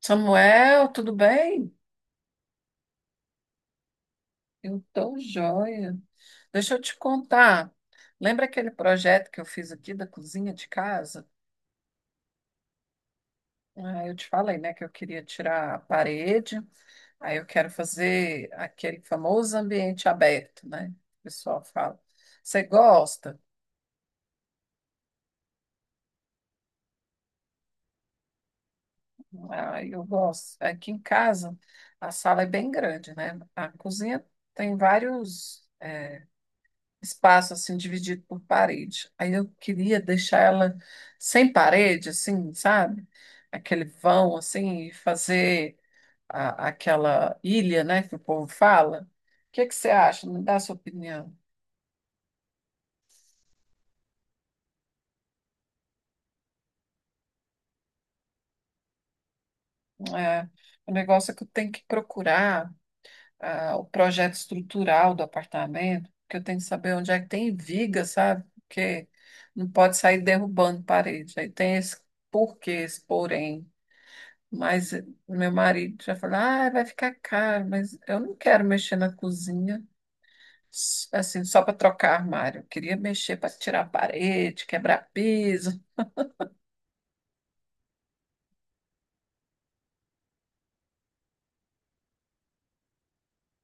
Samuel, tudo bem? Eu tô joia. Deixa eu te contar. Lembra aquele projeto que eu fiz aqui da cozinha de casa? Ah, eu te falei, né, que eu queria tirar a parede. Aí eu quero fazer aquele famoso ambiente aberto, né? O pessoal fala. Você gosta? Ah, eu gosto. Aqui em casa, a sala é bem grande, né? A cozinha tem vários. Espaço assim dividido por parede. Aí eu queria deixar ela sem parede, assim, sabe? Aquele vão assim e fazer aquela ilha, né, que o povo fala. O que que você acha? Me dá a sua opinião. É, o negócio é que eu tenho que procurar o projeto estrutural do apartamento, porque eu tenho que saber onde é que tem viga, sabe? Porque não pode sair derrubando parede. Aí tem esse porquê, esse porém. Mas meu marido já falou: ah, vai ficar caro, mas eu não quero mexer na cozinha, assim, só para trocar armário. Eu queria mexer para tirar a parede, quebrar piso.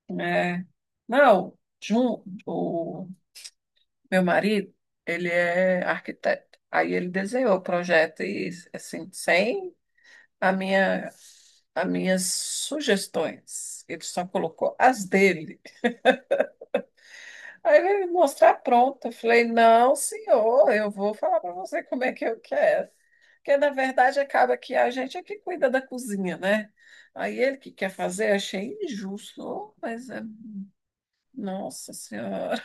Né? Não, Jun, o meu marido, ele é arquiteto. Aí ele desenhou o projeto e, assim, sem a minha, as minhas sugestões. Ele só colocou as dele. Aí ele me mostrar pronta. Eu falei, não, senhor, eu vou falar para você como é que eu quero. Porque, na verdade, acaba que a gente é que cuida da cozinha, né? Aí ele que quer fazer, achei injusto, ô, mas é... Nossa Senhora.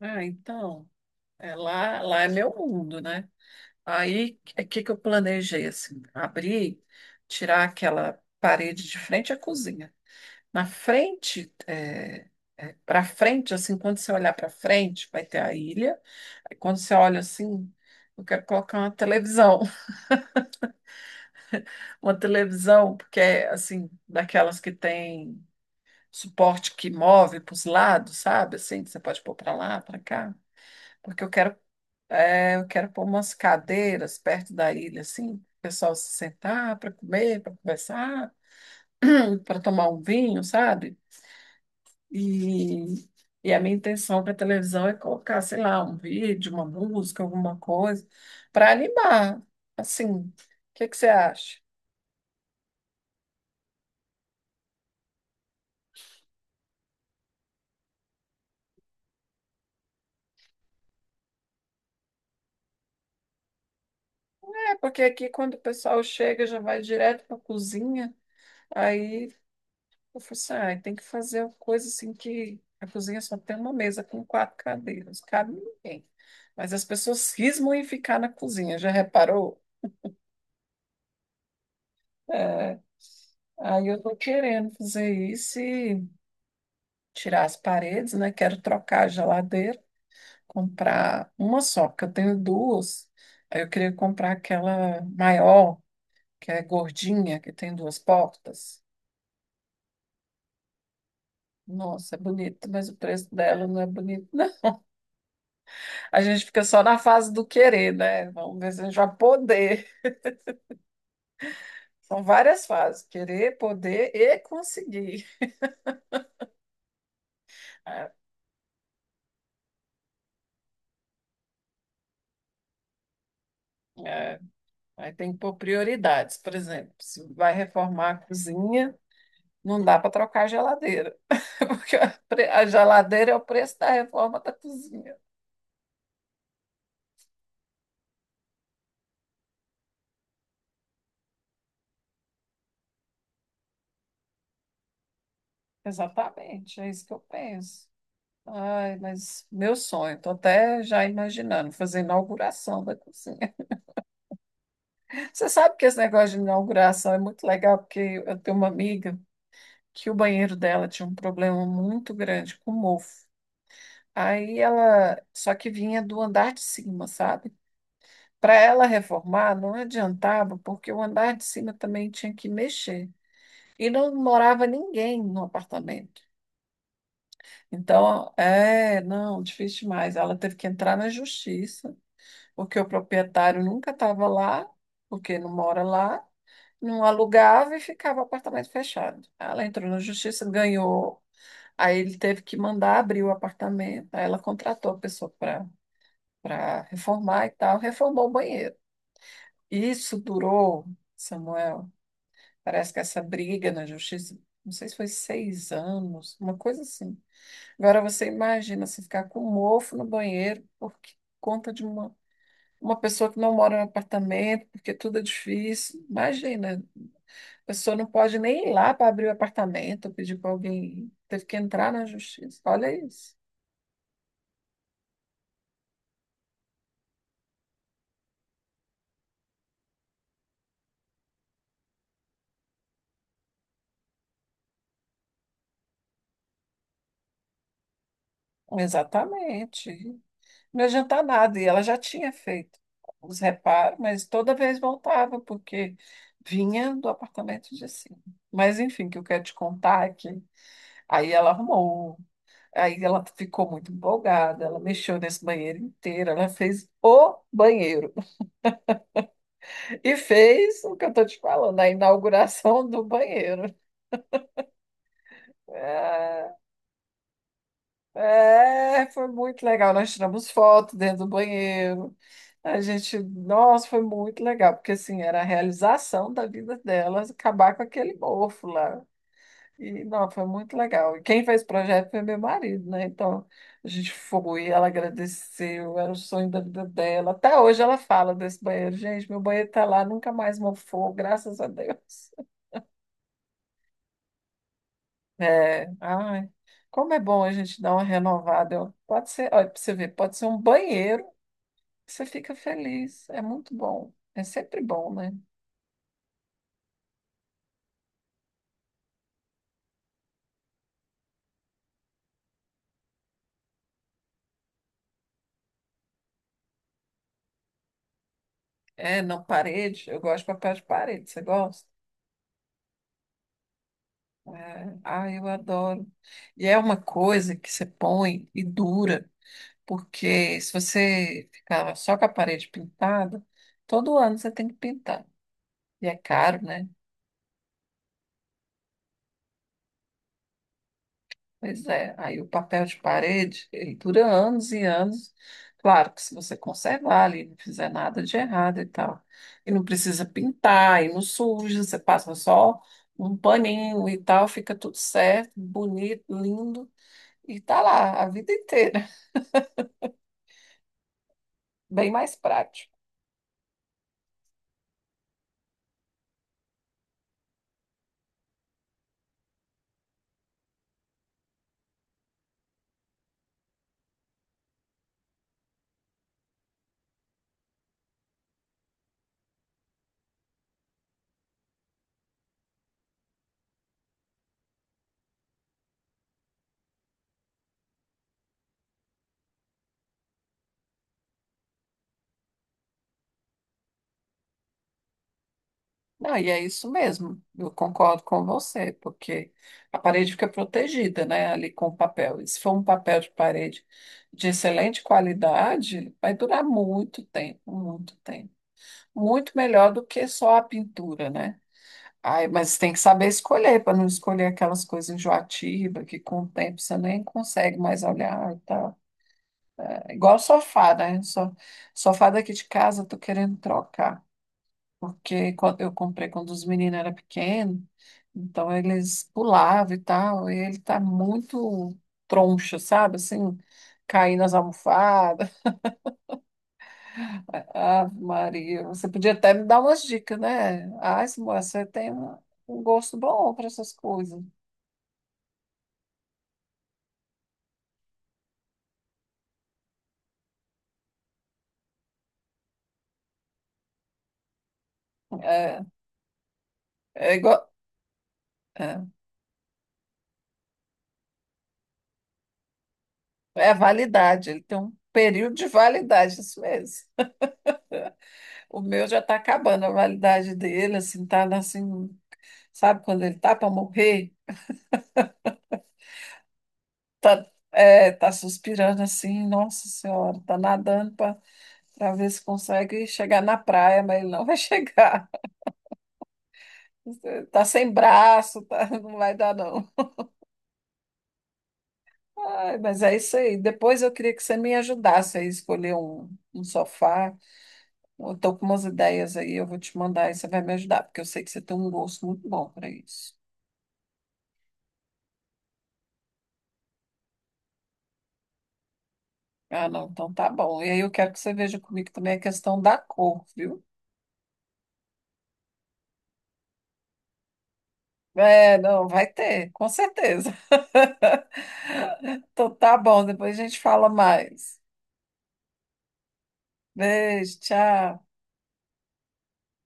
Ah, então, é lá, lá é meu mundo, né? Aí, o que que eu planejei, assim? Abrir, tirar aquela parede de frente à cozinha. Na frente, para frente, assim, quando você olhar para frente, vai ter a ilha. Aí quando você olha assim, eu quero colocar uma televisão. Uma televisão, porque é, assim, daquelas que tem suporte que move para os lados, sabe? Assim, que você pode pôr para lá, para cá. Porque eu quero, é, eu quero pôr umas cadeiras perto da ilha, assim, o pessoal se sentar para comer, para conversar, para tomar um vinho, sabe? E, e a minha intenção para a televisão é colocar, sei lá, um vídeo, uma música, alguma coisa, para animar. Assim, o que que você acha? É, porque aqui quando o pessoal chega já vai direto para a cozinha, aí eu falei assim, ah, tem que fazer uma coisa assim que a cozinha só tem uma mesa com quatro cadeiras, cabe ninguém. Mas as pessoas cismam em ficar na cozinha, já reparou? É, aí eu tô querendo fazer isso, tirar as paredes, né? Quero trocar a geladeira, comprar uma só, porque eu tenho duas. Aí eu queria comprar aquela maior, que é gordinha, que tem duas portas. Nossa, é bonita, mas o preço dela não é bonito, não. A gente fica só na fase do querer, né? Vamos ver se a gente vai poder. São várias fases: querer, poder e conseguir. É, é, Aí tem que pôr prioridades. Por exemplo, se vai reformar a cozinha. Não dá para trocar a geladeira, porque a geladeira é o preço da reforma da cozinha. Exatamente, é isso que eu penso. Ai, mas meu sonho, estou até já imaginando fazer inauguração da cozinha. Você sabe que esse negócio de inauguração é muito legal, porque eu tenho uma amiga que o banheiro dela tinha um problema muito grande com mofo. Aí ela, só que vinha do andar de cima, sabe? Para ela reformar, não adiantava, porque o andar de cima também tinha que mexer. E não morava ninguém no apartamento. Então, é, não, difícil demais. Ela teve que entrar na justiça, porque o proprietário nunca estava lá, porque não mora lá, não alugava e ficava o apartamento fechado. Ela entrou na justiça, ganhou. Aí ele teve que mandar abrir o apartamento. Aí ela contratou a pessoa para reformar e tal, reformou o banheiro. Isso durou, Samuel, parece que essa briga na justiça, não sei se foi 6 anos, uma coisa assim. Agora você imagina se ficar com um mofo no banheiro por conta de uma pessoa que não mora no apartamento, porque tudo é difícil. Imagina, a pessoa não pode nem ir lá para abrir o apartamento, ou pedir para alguém ir. Teve que entrar na justiça. Olha isso. Exatamente. Não adianta nada. E ela já tinha feito os reparos, mas toda vez voltava, porque vinha do apartamento de cima. Mas enfim, o que eu quero te contar é que aí ela arrumou. Aí ela ficou muito empolgada, ela mexeu nesse banheiro inteiro, ela fez o banheiro e fez o que eu estou te falando, a inauguração do banheiro. É, foi muito legal. Nós tiramos foto dentro do banheiro. A gente, nossa, foi muito legal, porque assim, era a realização da vida dela acabar com aquele mofo lá. E, não, foi muito legal. E quem fez o projeto foi meu marido, né? Então, a gente foi, ela agradeceu, era o sonho da vida dela. Até hoje ela fala desse banheiro. Gente, meu banheiro tá lá, nunca mais mofou, graças a Deus. É, ai, como é bom a gente dar uma renovada. Ó. Pode ser, olha, pra você ver, pode ser um banheiro que você fica feliz. É muito bom. É sempre bom, né? É, não, parede, eu gosto de papel de parede. Você gosta? É, ah, eu adoro. E é uma coisa que você põe e dura, porque se você ficar só com a parede pintada, todo ano você tem que pintar. E é caro, né? Pois é. Aí o papel de parede, ele dura anos e anos. Claro que se você conservar ali, não fizer nada de errado e tal. E não precisa pintar, e não suja, você passa só um paninho e tal, fica tudo certo, bonito, lindo, e tá lá a vida inteira. Bem mais prático. Não, e é isso mesmo, eu concordo com você, porque a parede fica protegida, né, ali com o papel. E se for um papel de parede de excelente qualidade, vai durar muito tempo, muito tempo. Muito melhor do que só a pintura, né? Ai, mas tem que saber escolher, para não escolher aquelas coisas enjoativas que com o tempo você nem consegue mais olhar e tal. É igual sofá, né? Sofá daqui de casa, eu tô querendo trocar. Porque quando eu comprei quando os meninos eram pequenos, então eles pulavam e tal, e ele tá muito troncho, sabe? Assim, caindo nas almofadas. Ah, Maria, você podia até me dar umas dicas, né? Ai, moça, você tem um gosto bom para essas coisas. É, é igual, é, é a validade, ele tem um período de validade, isso mesmo. O meu já está acabando a validade dele, assim, tá assim, sabe quando ele tá para morrer? Tá, é, tá suspirando assim, nossa senhora, tá nadando para ver se consegue chegar na praia, mas ele não vai chegar. Tá sem braço, tá, não vai dar não. Ai, mas é isso aí. Depois eu queria que você me ajudasse aí a escolher um sofá. Eu tô com umas ideias aí, eu vou te mandar e você vai me ajudar, porque eu sei que você tem um gosto muito bom para isso. Ah, não, então tá bom. E aí eu quero que você veja comigo também a questão da cor, viu? É, não, vai ter, com certeza. Então tá bom, depois a gente fala mais. Beijo, tchau.